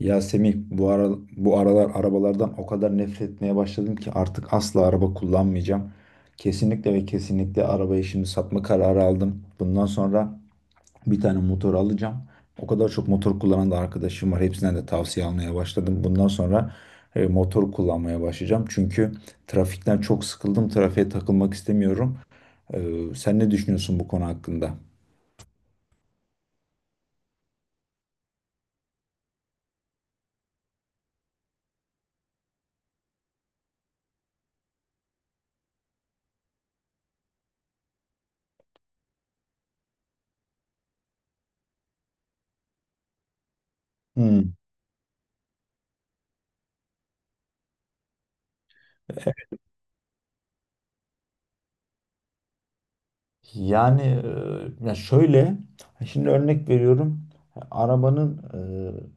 Ya Semih bu ara, bu aralar arabalardan o kadar nefret etmeye başladım ki artık asla araba kullanmayacağım. Kesinlikle ve kesinlikle arabayı şimdi satma kararı aldım. Bundan sonra bir tane motor alacağım. O kadar çok motor kullanan da arkadaşım var. Hepsinden de tavsiye almaya başladım. Bundan sonra motor kullanmaya başlayacağım. Çünkü trafikten çok sıkıldım. Trafiğe takılmak istemiyorum. Sen ne düşünüyorsun bu konu hakkında? Hmm. Yani ya şöyle şimdi örnek veriyorum arabanın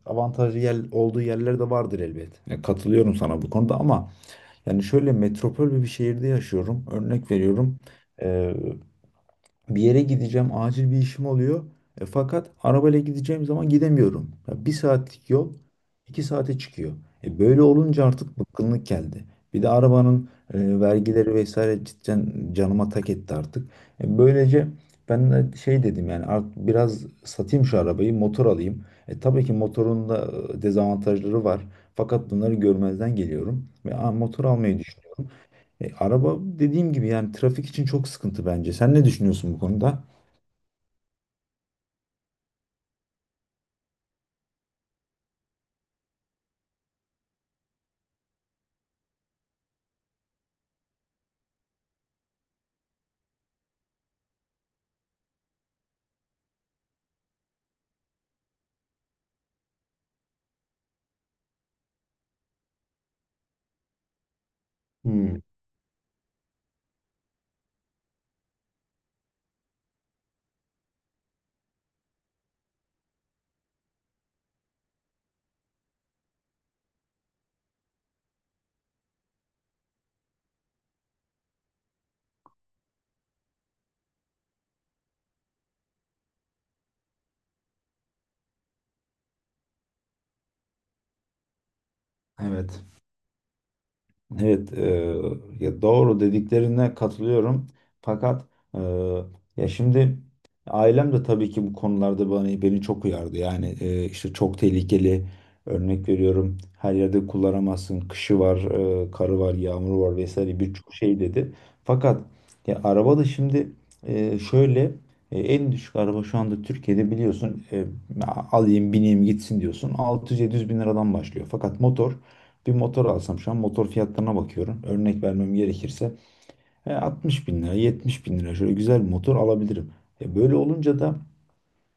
olduğu yerler de vardır elbet. Ya katılıyorum sana bu konuda ama yani şöyle metropol bir şehirde yaşıyorum. Örnek veriyorum bir yere gideceğim, acil bir işim oluyor. Fakat arabayla gideceğim zaman gidemiyorum. Ya bir saatlik yol iki saate çıkıyor. Böyle olunca artık bıkkınlık geldi. Bir de arabanın vergileri vesaire cidden canıma tak etti artık. Böylece ben de şey dedim yani artık biraz satayım şu arabayı, motor alayım. Tabii ki motorun da dezavantajları var. Fakat bunları görmezden geliyorum ve motor almayı düşünüyorum. Araba dediğim gibi yani trafik için çok sıkıntı bence. Sen ne düşünüyorsun bu konuda? Hmm, evet. Evet, ya doğru dediklerine katılıyorum. Fakat e, ya şimdi ailem de tabii ki bu konularda beni çok uyardı. Yani işte çok tehlikeli. Örnek veriyorum, her yerde kullanamazsın. Kışı var, karı var, yağmuru var vesaire birçok şey dedi. Fakat ya araba da şimdi şöyle en düşük araba şu anda Türkiye'de biliyorsun, alayım bineyim gitsin diyorsun. 600-700 bin liradan başlıyor. Fakat motor, bir motor alsam şu an motor fiyatlarına bakıyorum. Örnek vermem gerekirse 60 bin lira, 70 bin lira şöyle güzel bir motor alabilirim. Böyle olunca da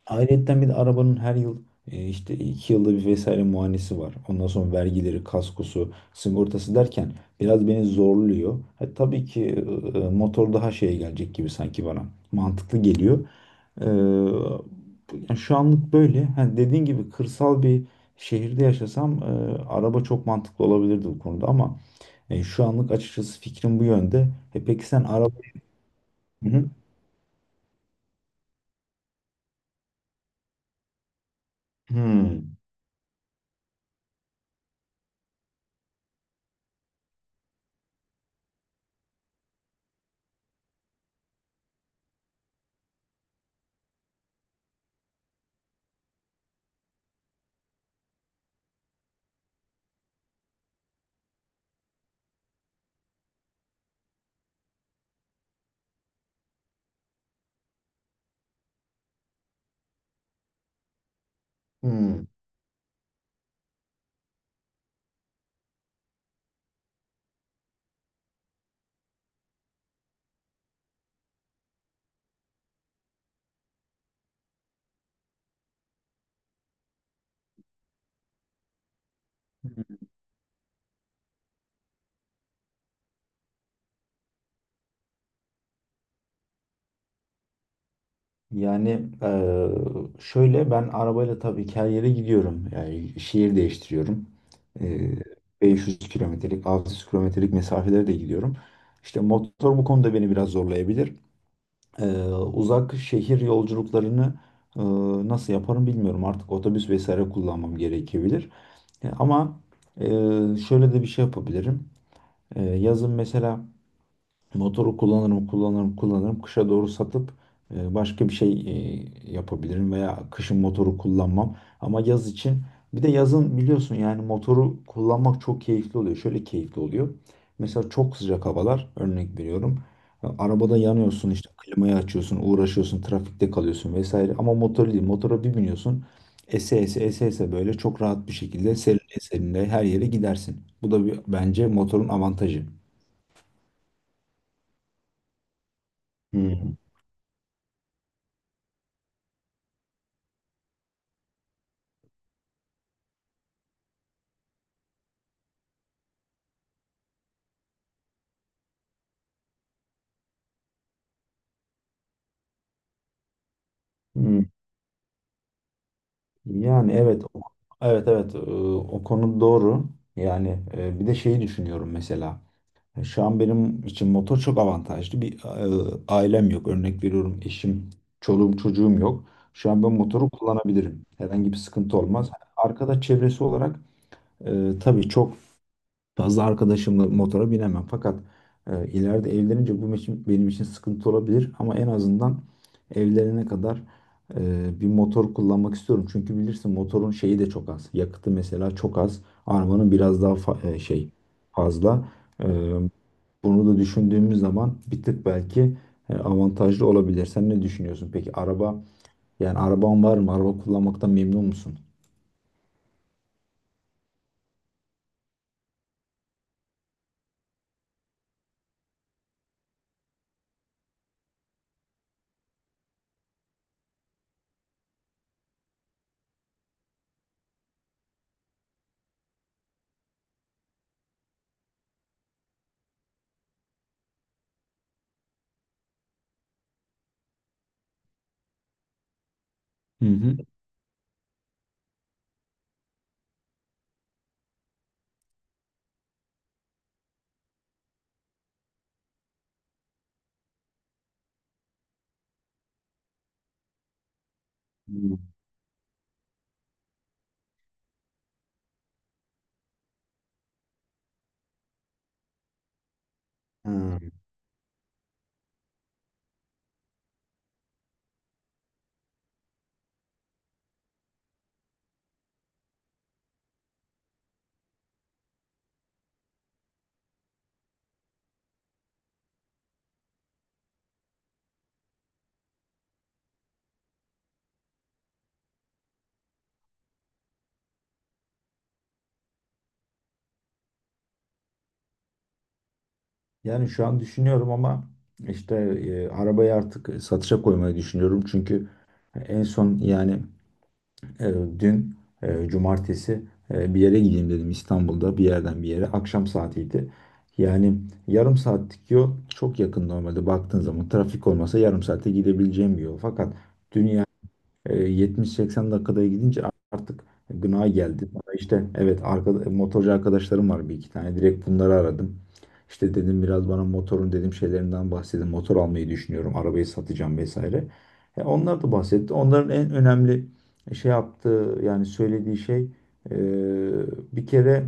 ayrıyetten bir de arabanın her yıl işte 2 yılda bir vesaire muayenesi var. Ondan sonra vergileri, kaskosu, sigortası derken biraz beni zorluyor. Tabii ki motor daha şeye gelecek gibi sanki bana mantıklı geliyor. E, yani şu anlık böyle. Ha, dediğin gibi kırsal bir şehirde yaşasam araba çok mantıklı olabilirdi bu konuda ama şu anlık açıkçası fikrim bu yönde. Peki sen araba... Hı hı. Hmm. Hmm. Yani eee, şöyle ben arabayla tabii ki her yere gidiyorum. Yani şehir değiştiriyorum. Eee, 500 kilometrelik, 600 kilometrelik mesafelere de gidiyorum. İşte motor bu konuda beni biraz zorlayabilir. Uzak şehir yolculuklarını eee, nasıl yaparım bilmiyorum. Artık otobüs vesaire kullanmam gerekebilir. Ama eee, şöyle de bir şey yapabilirim. Yazın mesela motoru kullanırım, kullanırım, kullanırım. Kışa doğru satıp başka bir şey yapabilirim veya kışın motoru kullanmam. Ama yaz için, bir de yazın biliyorsun yani motoru kullanmak çok keyifli oluyor. Şöyle keyifli oluyor. Mesela çok sıcak havalar örnek veriyorum. Ya, arabada yanıyorsun işte klimayı açıyorsun, uğraşıyorsun, trafikte kalıyorsun vesaire. Ama motor değil. Motora bir biniyorsun. Ese ese ese ese böyle çok rahat bir şekilde serinle serinle her yere gidersin. Bu da bir, bence motorun avantajı. Hmm. Hmm. Yani evet evet, o konu doğru. Yani bir de şeyi düşünüyorum mesela. Şu an benim için motor çok avantajlı. Bir, ailem yok. Örnek veriyorum eşim, çoluğum, çocuğum yok. Şu an ben motoru kullanabilirim. Herhangi bir sıkıntı olmaz. Arkada çevresi olarak tabii çok fazla arkadaşımla motora binemem. Fakat ileride evlenince benim için sıkıntı olabilir. Ama en azından evlenene kadar bir motor kullanmak istiyorum. Çünkü bilirsin motorun şeyi de çok az. Yakıtı mesela çok az. Arabanın biraz daha şey fazla. E, bunu da düşündüğümüz zaman bir tık belki avantajlı olabilir. Sen ne düşünüyorsun? Peki araba, yani araban var mı? Araba kullanmaktan memnun musun? Hı hı. Hmm. Ha. Yani şu an düşünüyorum ama işte arabayı artık satışa koymayı düşünüyorum. Çünkü en son yani dün cumartesi bir yere gideyim dedim İstanbul'da bir yerden bir yere. Akşam saatiydi. Yani yarım saatlik yol çok yakın, normalde baktığın zaman trafik olmasa yarım saate gidebileceğim bir yol. Fakat dün 70-80 dakikada gidince artık gına geldi. Bana işte evet, motorcu arkadaşlarım var bir iki tane. Direkt bunları aradım. İşte dedim biraz bana motorun dedim şeylerinden bahsedin. Motor almayı düşünüyorum. Arabayı satacağım vesaire. Onlar da bahsetti. Onların en önemli şey yaptığı yani söylediği şey, e, bir kere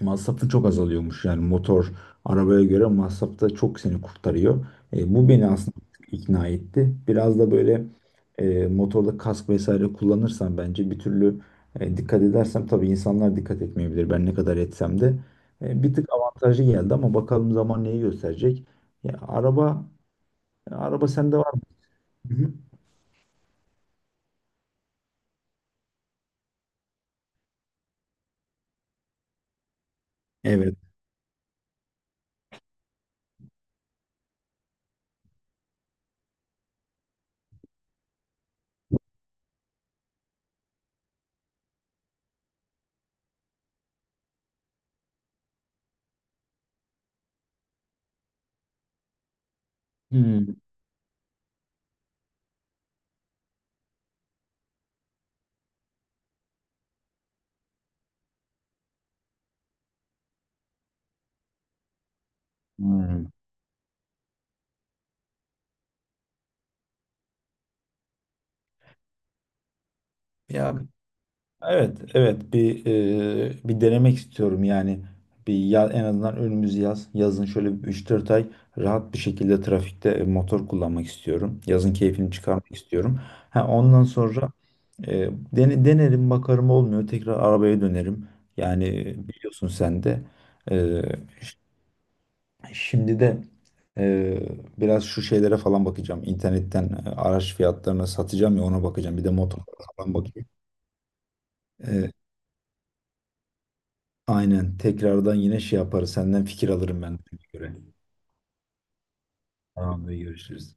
masrafı çok azalıyormuş. Yani motor arabaya göre masrafta çok seni kurtarıyor. Bu beni aslında ikna etti. Biraz da böyle motorda kask vesaire kullanırsam bence bir türlü dikkat edersem, tabii insanlar dikkat etmeyebilir. Ben ne kadar etsem de bir tık avantajı geldi ama bakalım zaman neyi gösterecek. Ya, araba sende var mı? Hı hı. Evet. Hmm. Hmm. Ya evet, evet, bir bir denemek istiyorum yani. Bir ya, en azından önümüz yaz. Yazın şöyle bir 3-4 ay rahat bir şekilde trafikte motor kullanmak istiyorum. Yazın keyfini çıkarmak istiyorum. Ha, ondan sonra e, denerim bakarım, olmuyor tekrar arabaya dönerim. Yani biliyorsun sen de. E, ş- şimdi de e, biraz şu şeylere falan bakacağım. İnternetten araç fiyatlarına, satacağım ya, ona bakacağım. Bir de motor falan bakayım. E, Aynen. Tekrardan yine şey yaparız. Senden fikir alırım ben de. Tamam, görüşürüz.